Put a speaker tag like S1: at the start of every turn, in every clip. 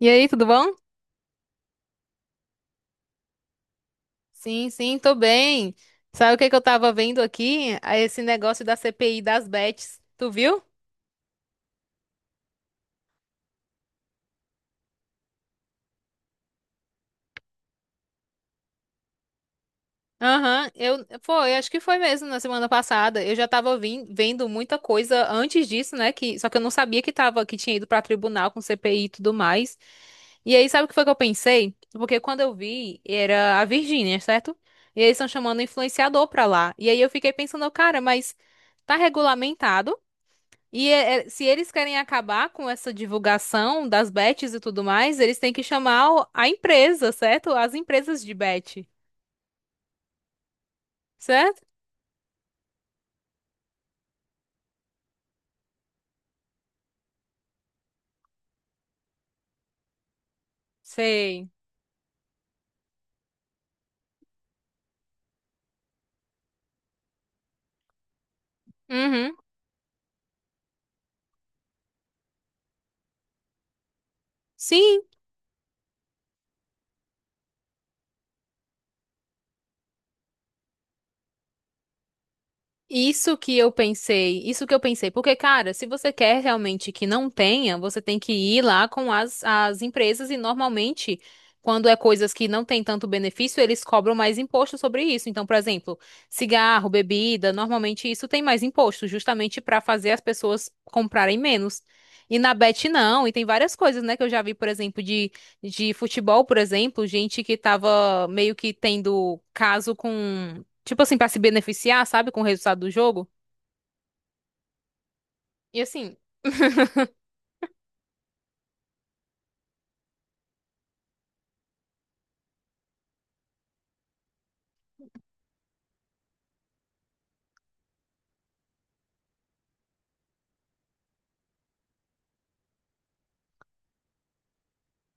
S1: E aí, tudo bom? Sim, sim, tô bem. Sabe o que que eu tava vendo aqui? Ah, esse negócio da CPI das bets. Tu viu? Aham, eu foi, acho que foi mesmo na semana passada. Eu já tava vendo muita coisa antes disso, né? Só que eu não sabia que tava, que tinha ido pra tribunal com CPI e tudo mais. E aí, sabe o que foi que eu pensei? Porque quando eu vi, era a Virgínia, certo? E eles estão chamando influenciador pra lá. E aí eu fiquei pensando, cara, mas tá regulamentado? E se eles querem acabar com essa divulgação das bets e tudo mais, eles têm que chamar a empresa, certo? As empresas de bet, certo? Sei. Uhum. Sim. Isso que eu pensei, isso que eu pensei, porque, cara, se você quer realmente que não tenha, você tem que ir lá com as empresas e normalmente, quando é coisas que não tem tanto benefício, eles cobram mais imposto sobre isso. Então, por exemplo, cigarro, bebida, normalmente isso tem mais imposto, justamente para fazer as pessoas comprarem menos. E na Bet não, e tem várias coisas, né, que eu já vi, por exemplo, de futebol, por exemplo, gente que tava meio que tendo caso com, tipo assim, pra se beneficiar, sabe, com o resultado do jogo. E assim.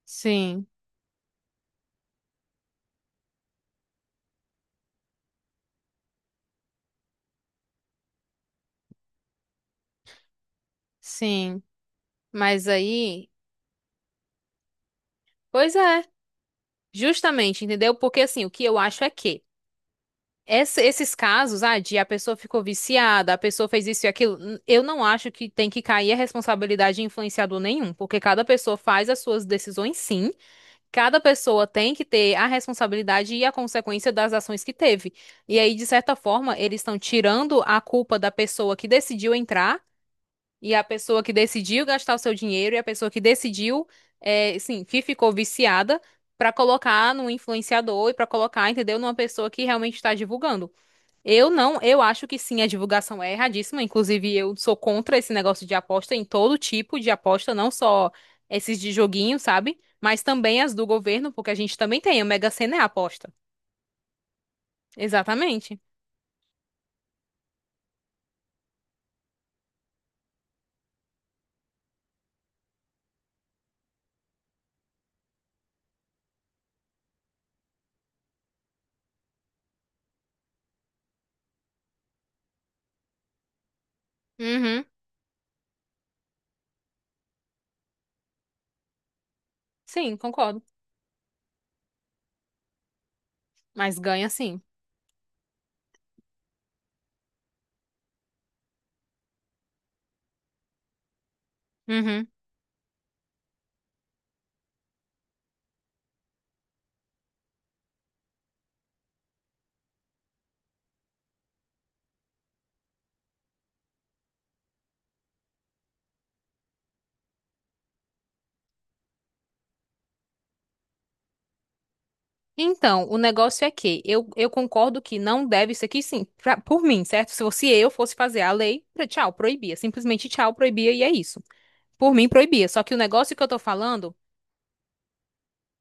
S1: Sim, sim. Mas aí, pois é, justamente, entendeu? Porque assim, o que eu acho é que esses casos, ah, de a pessoa ficou viciada, a pessoa fez isso e aquilo, eu não acho que tem que cair a responsabilidade de influenciador nenhum, porque cada pessoa faz as suas decisões, sim, cada pessoa tem que ter a responsabilidade e a consequência das ações que teve. E aí, de certa forma, eles estão tirando a culpa da pessoa que decidiu entrar e a pessoa que decidiu gastar o seu dinheiro e a pessoa que decidiu, é, sim, que ficou viciada, pra colocar no influenciador e pra colocar, entendeu, numa pessoa que realmente está divulgando. Eu não, Eu acho que sim, a divulgação é erradíssima. Inclusive, eu sou contra esse negócio de aposta em todo tipo de aposta, não só esses de joguinho, sabe? Mas também as do governo, porque a gente também tem, a Mega Sena é aposta. Exatamente. Uhum. Sim, concordo. Mas ganha sim. Uhum. Então, o negócio é que eu concordo que não deve isso aqui, sim, por mim, certo? Se fosse eu fosse fazer a lei, tchau, proibia. Simplesmente tchau, proibia e é isso. Por mim, proibia. Só que o negócio que eu tô falando,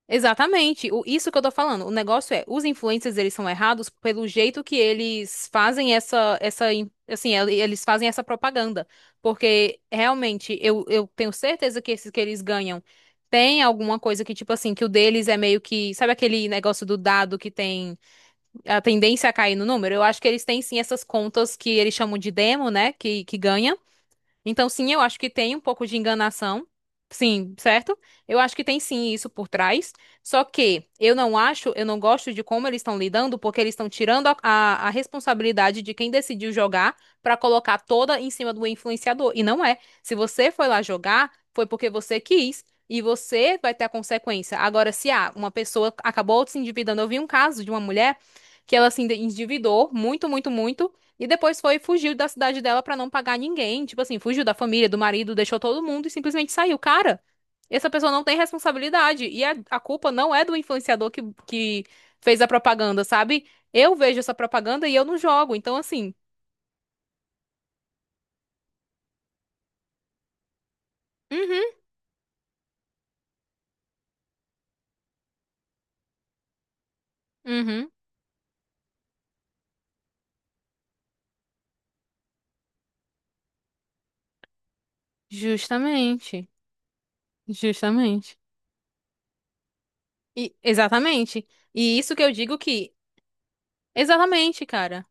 S1: exatamente, isso que eu tô falando. O negócio é, os influencers, eles são errados pelo jeito que eles fazem assim, eles fazem essa propaganda. Porque, realmente, eu tenho certeza que esses que eles ganham. Tem alguma coisa que, tipo assim, que o deles é meio que. Sabe aquele negócio do dado que tem a tendência a cair no número. Eu acho que eles têm sim essas contas que eles chamam de demo, né? Que ganha. Então, sim, eu acho que tem um pouco de enganação. Sim, certo? Eu acho que tem sim isso por trás. Só que eu não acho, eu não gosto de como eles estão lidando, porque eles estão tirando a responsabilidade de quem decidiu jogar pra colocar toda em cima do influenciador. E não é. Se você foi lá jogar, foi porque você quis. E você vai ter a consequência. Agora, se uma pessoa acabou se endividando, eu vi um caso de uma mulher que ela se endividou muito, muito, muito. E depois fugiu da cidade dela pra não pagar ninguém. Tipo assim, fugiu da família, do marido, deixou todo mundo e simplesmente saiu. Cara, essa pessoa não tem responsabilidade. E a culpa não é do influenciador que fez a propaganda, sabe? Eu vejo essa propaganda e eu não jogo. Então, assim. Uhum, uhum. Justamente. Justamente. E, exatamente. E isso que eu digo que. Exatamente, cara.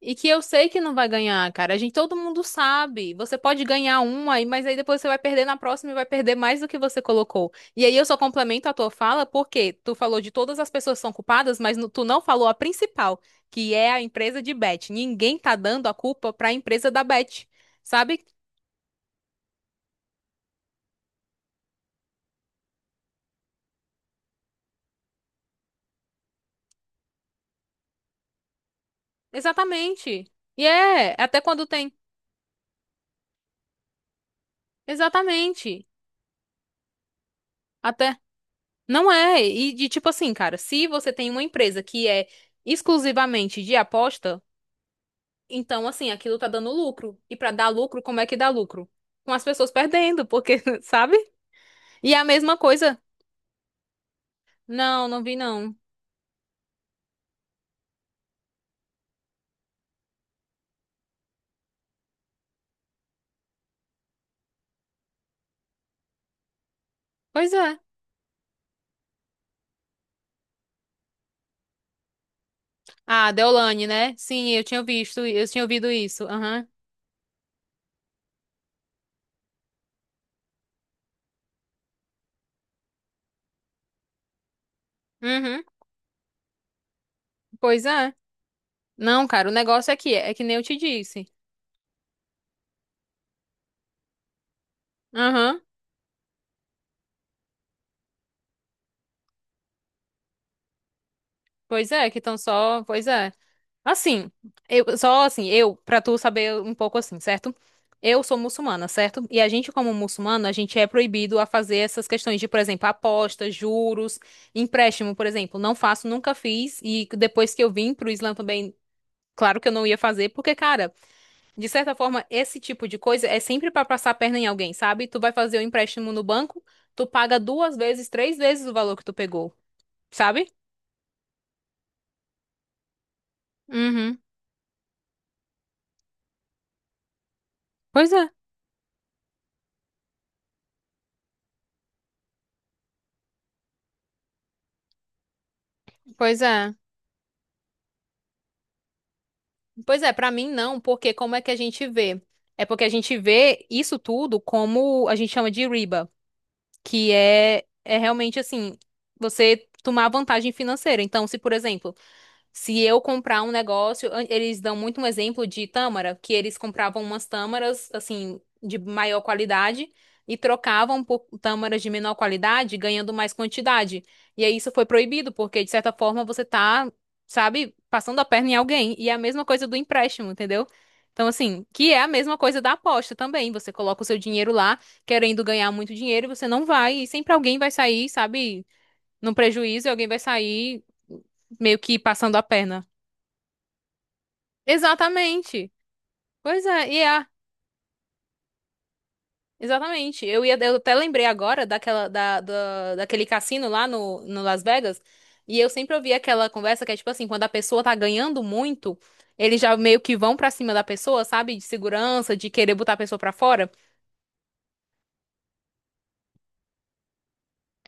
S1: E que eu sei que não vai ganhar, cara. A gente, todo mundo sabe. Você pode ganhar uma, aí, mas aí depois você vai perder na próxima e vai perder mais do que você colocou. E aí eu só complemento a tua fala porque tu falou de todas as pessoas que são culpadas, mas tu não falou a principal, que é a empresa de bet. Ninguém tá dando a culpa pra empresa da bet, sabe? Exatamente. E é, até quando tem. Exatamente. Até. Não é. E de tipo assim, cara, se você tem uma empresa que é exclusivamente de aposta. Então, assim, aquilo tá dando lucro. E pra dar lucro, como é que dá lucro? Com as pessoas perdendo, porque, sabe? E a mesma coisa. Não, não vi não. Pois é. Ah, Deolane, né? Sim, eu tinha visto, eu tinha ouvido isso. Aham. Uhum. Pois é. Não, cara, o negócio é que é que nem eu te disse. Aham. Pois é, que estão só, pois é. Assim, eu só assim, eu, pra tu saber um pouco assim, certo? Eu sou muçulmana, certo? E a gente, como muçulmano, a gente é proibido a fazer essas questões de, por exemplo, apostas, juros, empréstimo, por exemplo. Não faço, nunca fiz. E depois que eu vim pro Islã também, claro que eu não ia fazer, porque, cara, de certa forma, esse tipo de coisa é sempre pra passar a perna em alguém, sabe? Tu vai fazer o empréstimo no banco, tu paga duas vezes, três vezes o valor que tu pegou, sabe? Uhum. Pois é. Pois é. Pois é, pra mim não, porque como é que a gente vê? É porque a gente vê isso tudo como a gente chama de riba, que é realmente assim, você tomar vantagem financeira. Então, se, por exemplo, se eu comprar um negócio, eles dão muito um exemplo de tâmara, que eles compravam umas tâmaras, assim, de maior qualidade e trocavam por tâmaras de menor qualidade, ganhando mais quantidade. E aí isso foi proibido, porque de certa forma você tá, sabe, passando a perna em alguém. E é a mesma coisa do empréstimo, entendeu? Então, assim, que é a mesma coisa da aposta também. Você coloca o seu dinheiro lá, querendo ganhar muito dinheiro, e você não vai, e sempre alguém vai sair, sabe? Num prejuízo e alguém vai sair meio que passando a perna. Exatamente. Pois é, e é, exatamente. Eu até lembrei agora daquela, daquele cassino lá no Las Vegas, e eu sempre ouvi aquela conversa que é tipo assim, quando a pessoa tá ganhando muito, eles já meio que vão pra cima da pessoa, sabe? De segurança, de querer botar a pessoa pra fora.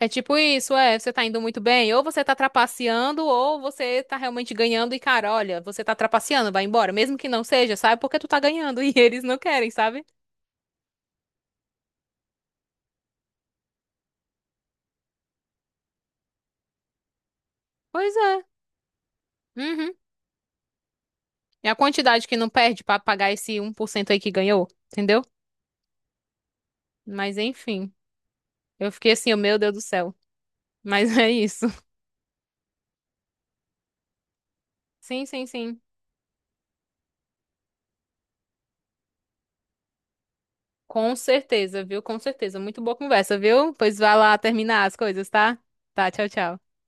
S1: É tipo isso, é, você tá indo muito bem, ou você tá trapaceando, ou você tá realmente ganhando e, cara, olha, você tá trapaceando, vai embora, mesmo que não seja, sabe? Porque tu tá ganhando e eles não querem, sabe? Pois é. Uhum. É a quantidade que não perde pra pagar esse 1% aí que ganhou, entendeu? Mas enfim, eu fiquei assim, oh, meu Deus do céu. Mas é isso. Sim, sim, sim. Com certeza, viu? Com certeza. Muito boa conversa, viu? Pois vai lá terminar as coisas, tá? Tá, tchau, tchau.